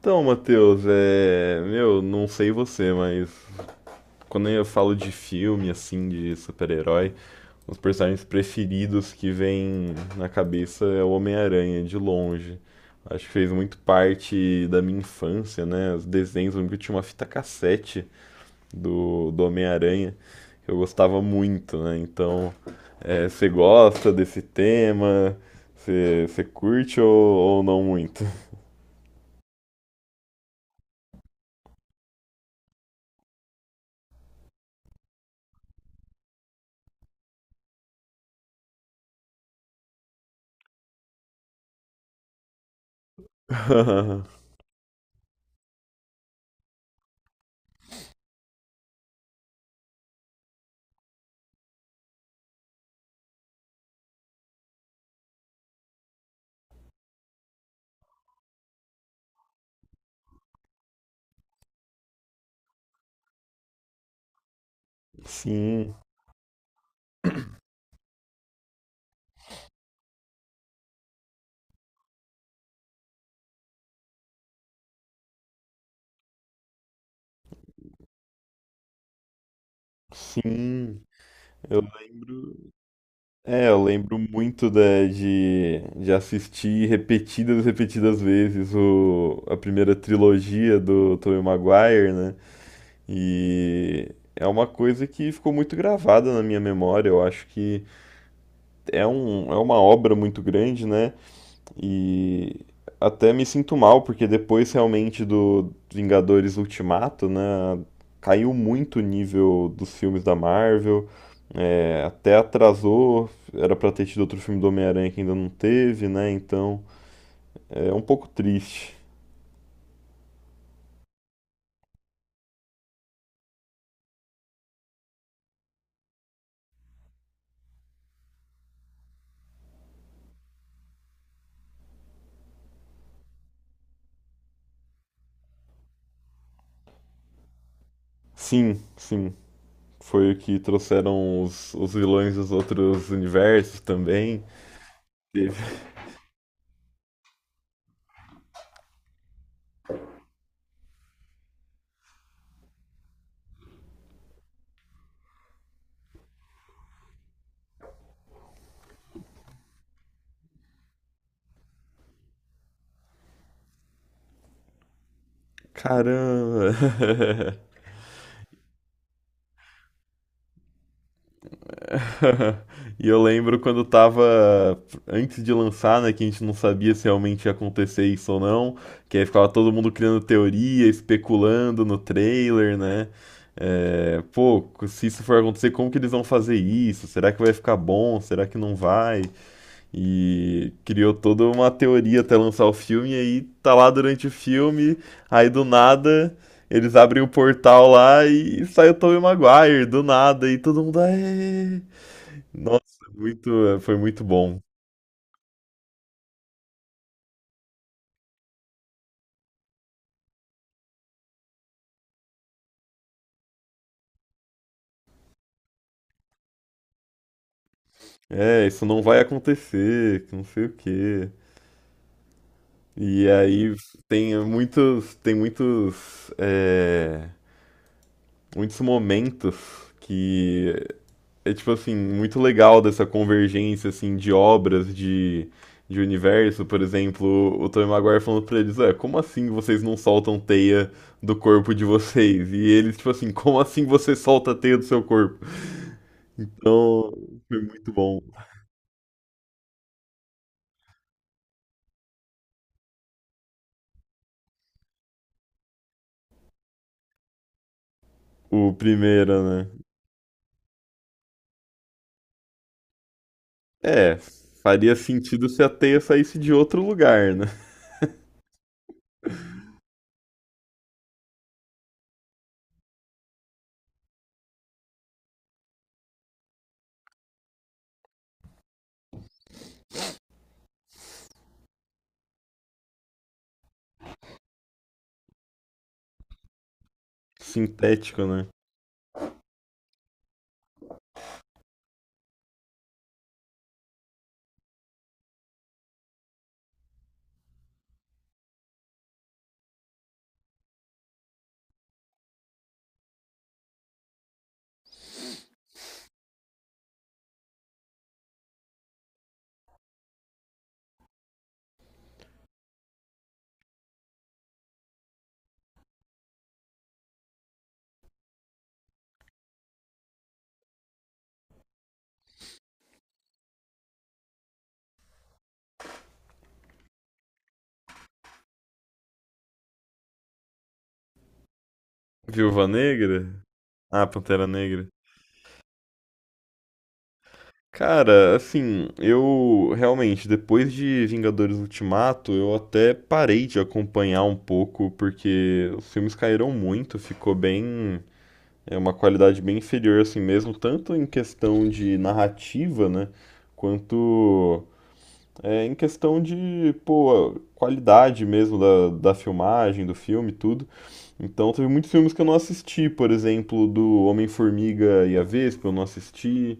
Então, Matheus, Meu, não sei você, mas quando eu falo de filme, assim, de super-herói, os personagens preferidos que vem na cabeça é o Homem-Aranha, de longe. Acho que fez muito parte da minha infância, né? Os desenhos, eu lembro que eu tinha uma fita cassete do Homem-Aranha, que eu gostava muito, né? Então, você gosta desse tema? Você curte ou não muito? Sim. Sim, eu lembro. Eu lembro muito de assistir repetidas vezes a primeira trilogia do Tobey Maguire, né? E é uma coisa que ficou muito gravada na minha memória. Eu acho que é uma obra muito grande, né? E até me sinto mal, porque depois realmente do Vingadores Ultimato, né, caiu muito o nível dos filmes da Marvel, até atrasou, era pra ter tido outro filme do Homem-Aranha que ainda não teve, né, então é um pouco triste. Sim, sim, foi o que trouxeram os vilões dos outros universos também. Teve- Caramba! E eu lembro quando tava antes de lançar, né, que a gente não sabia se realmente ia acontecer isso ou não, que aí ficava todo mundo criando teoria, especulando no trailer, né? É, pô, se isso for acontecer, como que eles vão fazer isso? Será que vai ficar bom? Será que não vai? E criou toda uma teoria até lançar o filme, e aí tá lá durante o filme, aí do nada eles abrem o portal lá e sai o Tobey Maguire, do nada, e todo mundo, "Aê!" Nossa, muito, foi muito bom. É, isso não vai acontecer, que não sei o quê. E aí tem muitos, muitos momentos que tipo assim, muito legal dessa convergência assim de obras de universo, por exemplo, o Tobey Maguire falando pra eles, como assim vocês não soltam teia do corpo de vocês? E eles tipo assim, como assim você solta a teia do seu corpo? Então, foi muito bom. O primeiro, né? É, faria sentido se a teia saísse de outro lugar, né? Sintético, né? Viúva Negra? Ah, Pantera Negra. Cara, assim, eu realmente, depois de Vingadores Ultimato, eu até parei de acompanhar um pouco, porque os filmes caíram muito, ficou bem. É uma qualidade bem inferior, assim mesmo, tanto em questão de narrativa, né? Quanto em questão de, pô, qualidade mesmo da filmagem, do filme, tudo. Então, teve muitos filmes que eu não assisti, por exemplo, do Homem-Formiga e a Vespa, eu não assisti.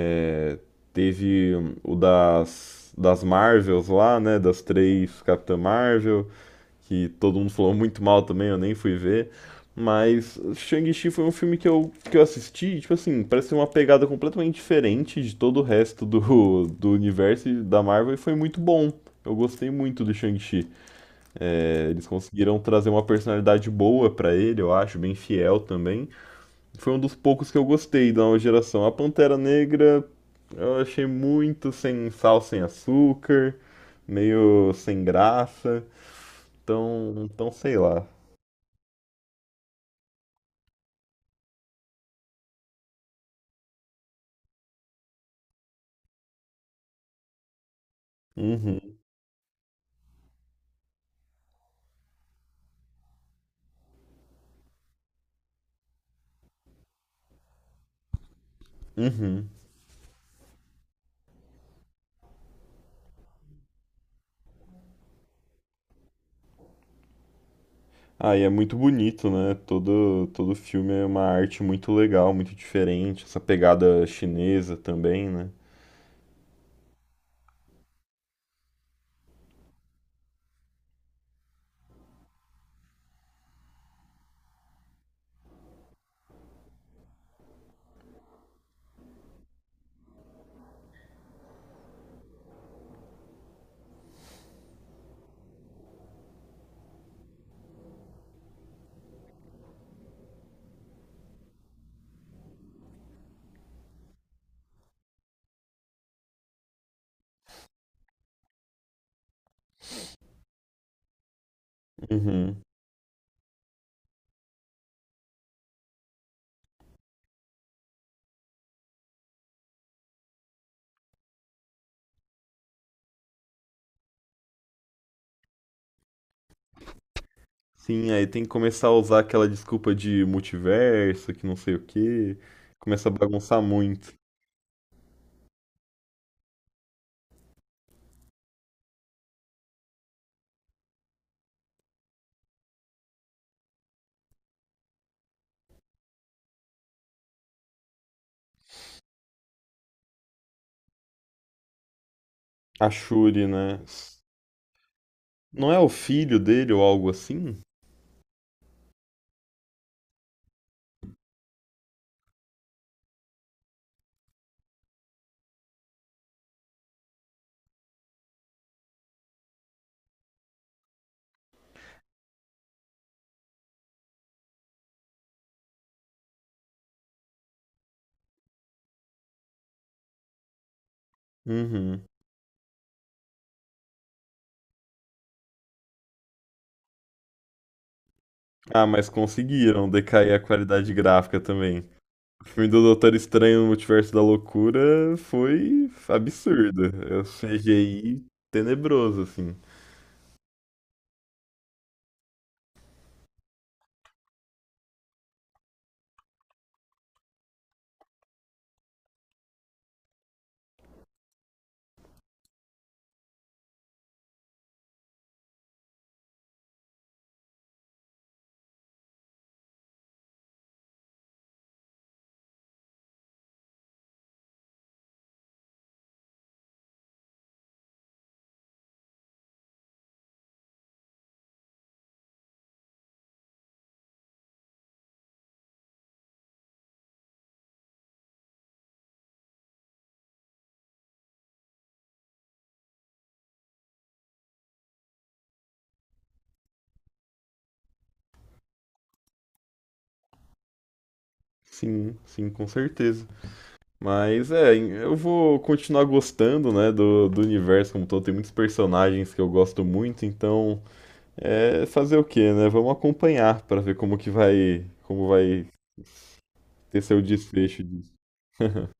É, teve o das Marvels lá, né, das três Capitã Marvel que todo mundo falou muito mal também, eu nem fui ver. Mas Shang-Chi foi um filme que eu assisti, tipo assim, parece ter uma pegada completamente diferente de todo o resto do universo e da Marvel e foi muito bom. Eu gostei muito do Shang-Chi. É, eles conseguiram trazer uma personalidade boa pra ele, eu acho, bem fiel também. Foi um dos poucos que eu gostei da nova geração. A Pantera Negra eu achei muito sem sal, sem açúcar, meio sem graça. Então, então sei lá. Uhum, uhum. Ah, e é muito bonito, né? Todo, todo filme é uma arte muito legal, muito diferente. Essa pegada chinesa também, né? Uhum. Sim, aí tem que começar a usar aquela desculpa de multiverso, que não sei o quê. Começa a bagunçar muito. A Shuri, né? S- Não é o filho dele ou algo assim? Uhum. Ah, mas conseguiram decair a qualidade gráfica também. O filme do Doutor Estranho no Multiverso da Loucura foi absurdo. É um CGI tenebroso, assim. Sim, sim, com certeza. Mas é, eu vou continuar gostando, né, do universo como um todo. Tem muitos personagens que eu gosto muito, então é fazer o quê, né? Vamos acompanhar pra ver como que vai, como vai ter seu desfecho disso.